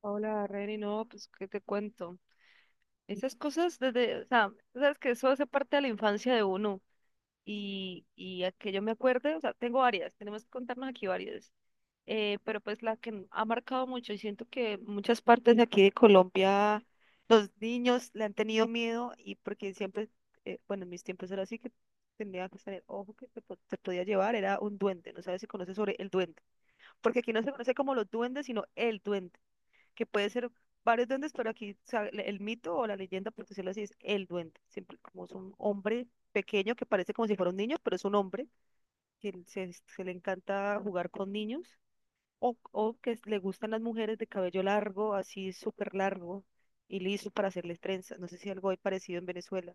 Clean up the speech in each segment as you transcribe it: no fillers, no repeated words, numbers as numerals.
Hola, Reni, no, pues, ¿qué te cuento? Esas cosas desde, o sea, tú sabes que eso hace parte de la infancia de uno y a que yo me acuerde, o sea, tengo varias, tenemos que contarnos aquí varias, pero pues la que ha marcado mucho y siento que en muchas partes de aquí de Colombia los niños le han tenido miedo y porque siempre, bueno, en mis tiempos era así que tenía que tener ojo que te, te podía llevar, era un duende, no sabes si conoces sobre el duende, porque aquí no se conoce como los duendes, sino el duende que puede ser varios duendes, pero aquí o sea, el mito o la leyenda, por decirlo así, es el duende. Siempre como es un hombre pequeño que parece como si fuera un niño, pero es un hombre que se le encanta jugar con niños o que le gustan las mujeres de cabello largo, así súper largo y liso para hacerles trenzas. No sé si algo hay parecido en Venezuela.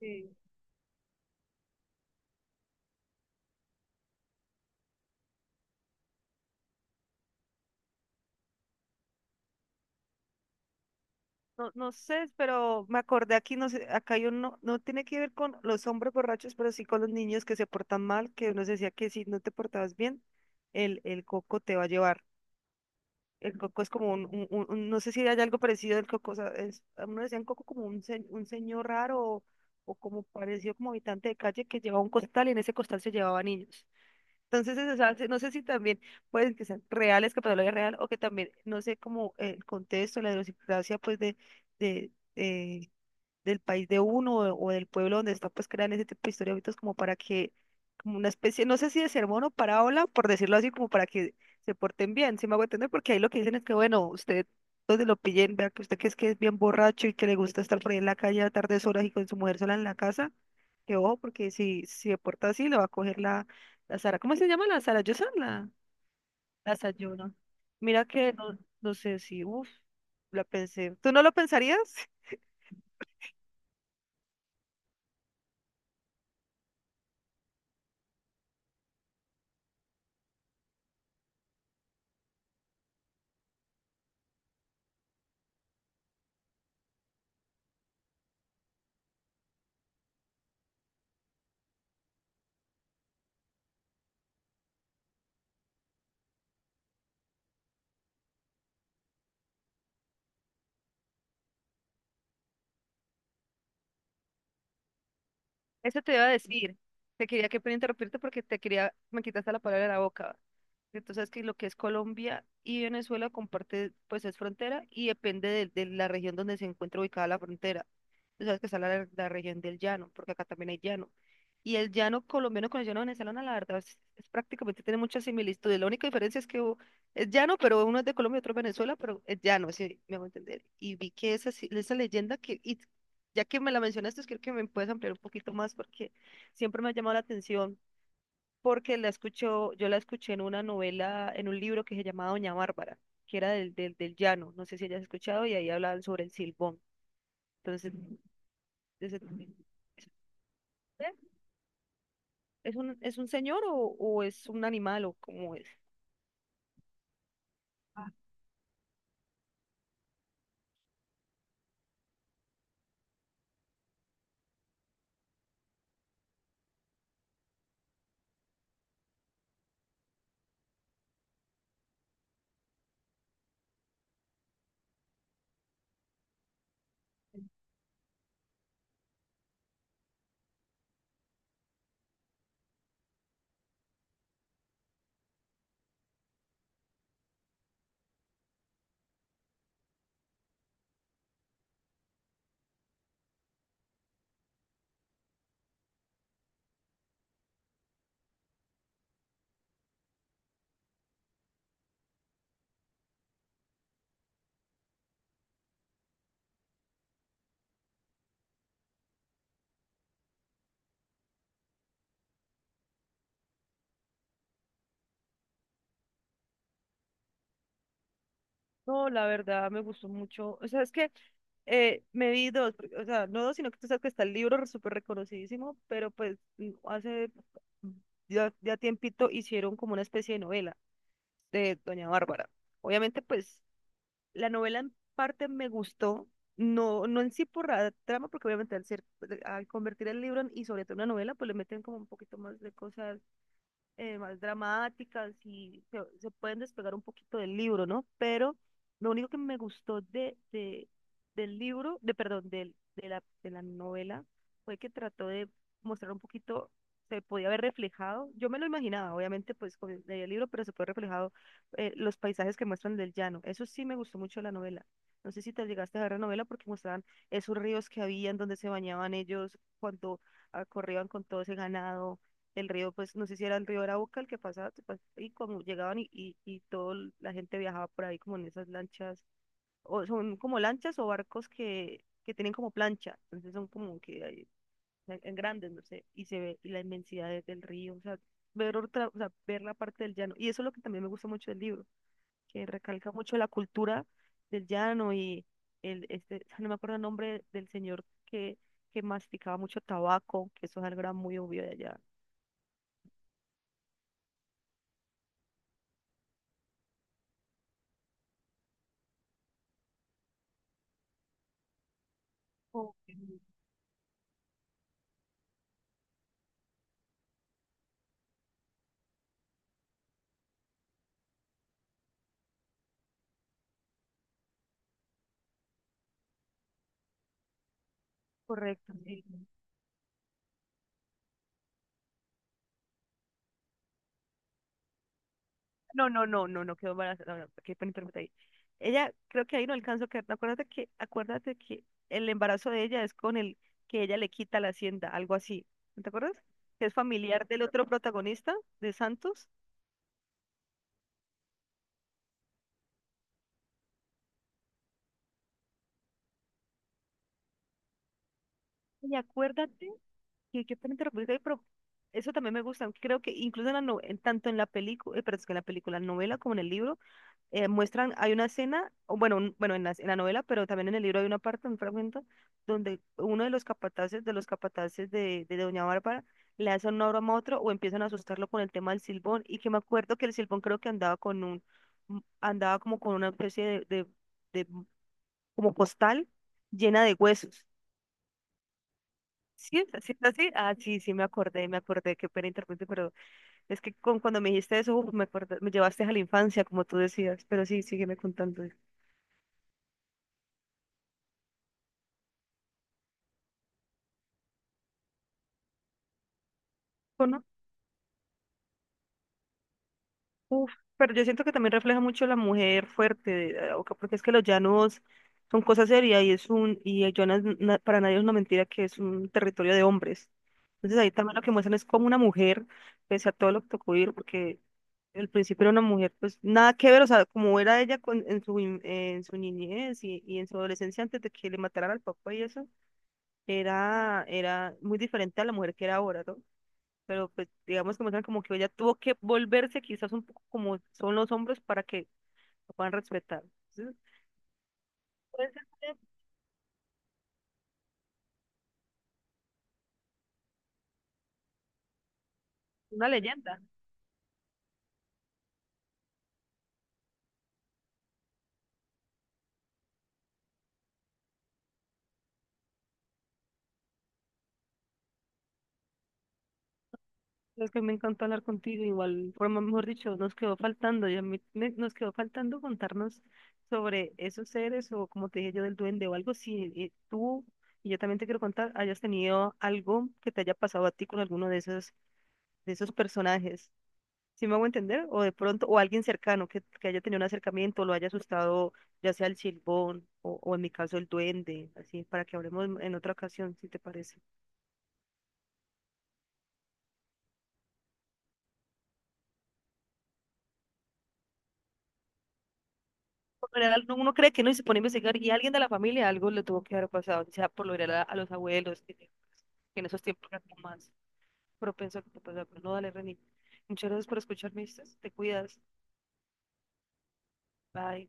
Sí. No, no sé, pero me acordé aquí, no sé, acá hay uno, no tiene que ver con los hombres borrachos, pero sí con los niños que se portan mal, que uno decía que si no te portabas bien, el coco te va a llevar. El coco es como un, no sé si hay algo parecido del coco, o sea, es, a uno decían coco como un, un señor raro o como parecido como habitante de calle que llevaba un costal y en ese costal se llevaba niños. Entonces, eso, o sea, no sé si también pueden que sean reales, que patología real, o que también, no sé, como el contexto, la idiosincrasia, pues, de, eh, del país de uno o del pueblo donde está, pues crean ese tipo de historias ahorita como para que, como una especie, no sé si de sermón o parábola, por decirlo así, como para que se porten bien, si me hago entender, porque ahí lo que dicen es que, bueno, usted, donde lo pillen, vea que usted que es bien borracho y que le gusta estar por ahí en la calle a tardes horas y con su mujer sola en la casa, que ojo, porque si se porta así, le va a coger la, la Sara, ¿cómo se llama la Sara? Yo soy la, la Sayuna. Mira que no, no sé si, uff, la pensé. ¿Tú no lo pensarías? Eso te iba a decir. Te quería que pena interrumpirte porque te quería, me quitaste la palabra de la boca. Entonces, que lo que es Colombia y Venezuela comparte, pues es frontera y depende de la región donde se encuentra ubicada la frontera. Tú sabes que está la, la región del llano, porque acá también hay llano. Y el llano colombiano con el llano venezolano, la verdad, es prácticamente tiene muchas similitudes. La única diferencia es que es llano, pero uno es de Colombia y otro es Venezuela, pero es llano, si me hago entender. Y vi que esa, esa leyenda que, y ya que me la mencionaste, creo que me puedes ampliar un poquito más porque siempre me ha llamado la atención, porque la escucho, yo la escuché en una novela, en un libro que se llamaba Doña Bárbara, que era del llano, no sé si hayas escuchado, y ahí hablaban sobre el silbón. Entonces, ese- es un señor o es un animal o cómo es? No, la verdad me gustó mucho. O sea, es que me vi dos, porque- o sea, no dos, sino que tú sabes que está el libro súper reconocidísimo, pero pues hace mm, ya, ya tiempito hicieron como una especie de novela de Doña Bárbara. Obviamente, pues la novela en parte me gustó, no, no en sí por la trama, porque obviamente al ser, al convertir el libro y sobre todo en una novela, pues le meten como un poquito más de cosas más dramáticas y se pueden despegar un poquito del libro, ¿no? Pero lo único que me gustó del libro, de, perdón, de la novela, fue que trató de mostrar un poquito, se podía haber reflejado, yo me lo imaginaba, obviamente, pues con el, leí el libro, pero se puede reflejado los paisajes que muestran del llano. Eso sí me gustó mucho de la novela. No sé si te llegaste a ver la novela porque mostraban esos ríos que habían donde se bañaban ellos cuando ah, corrían con todo ese ganado el río, pues no sé si era el río Arauca el que pasaba, y como llegaban y toda la gente viajaba por ahí como en esas lanchas, o son como lanchas o barcos que tienen como plancha, entonces son como que en grandes, no sé, y se ve la inmensidad del río, o sea, ver otra, o sea, ver la parte del llano, y eso es lo que también me gusta mucho del libro, que recalca mucho la cultura del llano y el, este, no me acuerdo el nombre del señor que masticaba mucho tabaco, que eso es algo que era muy obvio de allá. Ok. Correcto. Sí. No, no, no, no, no quedó embarazada. No, no, qué pena interrumpirte ahí. Ella, creo que ahí no alcanzó a quedar. Acuérdate que el embarazo de ella es con el que ella le quita la hacienda, algo así. ¿No te acuerdas? Que es familiar del otro protagonista, de Santos. Y acuérdate que qué pena interrumpirte ahí, pero eso también me gusta. Creo que incluso en la tanto en la película, pero es que en la película, en la novela como en el libro, muestran, hay una escena, o bueno, bueno, en la novela, pero también en el libro hay una parte, un fragmento, donde uno de los capataces, de los capataces de Doña Bárbara, le hace una broma a otro o empiezan a asustarlo con el tema del silbón, y que me acuerdo que el silbón creo que andaba con un, andaba como con una especie de mm, como postal llena de huesos. ¿Sí? ¿Sí es así? Ah, sí, sí, me acordé, qué pena interrumpirte, pero es que con, cuando me dijiste eso, uf, me acordé, me llevaste a la infancia, como tú decías, pero sí, sígueme contando. Uf, pero yo siento que también refleja mucho la mujer fuerte, o que- porque es que los llanos son cosa seria y es un, y el llanos para nadie es una mentira que es un territorio de hombres. Entonces ahí también lo que muestran es como una mujer, pese a todo lo que tocó vivir, porque al principio era una mujer, pues nada que ver, o sea, como era ella en su niñez y en su adolescencia antes de que le mataran al papá y eso, era, era muy diferente a la mujer que era ahora, ¿no? Pero pues digamos que muestran como que ella tuvo que volverse quizás un poco como son los hombres para que lo puedan respetar. Entonces, puede ser que una leyenda. Es que me encantó hablar contigo, igual forma, mejor dicho, nos quedó faltando, y a mí nos quedó faltando contarnos sobre esos seres o como te dije yo del duende o algo, si tú, y yo también te quiero contar, hayas tenido algo que te haya pasado a ti con alguno de esos personajes. ¿Si me hago entender? O de pronto, o alguien cercano que haya tenido un acercamiento, lo haya asustado, ya sea el silbón o en mi caso el duende, así, para que hablemos en otra ocasión, si te parece. Por lo general, no- uno cree que no y se pone a investigar y alguien de la familia algo le tuvo que haber pasado, o sea por lo general a los abuelos, que en esos tiempos eran como más propenso a que te pasara. Pero no, dale, Reni. Muchas gracias por escucharme, ¿viste? Te cuidas. Bye.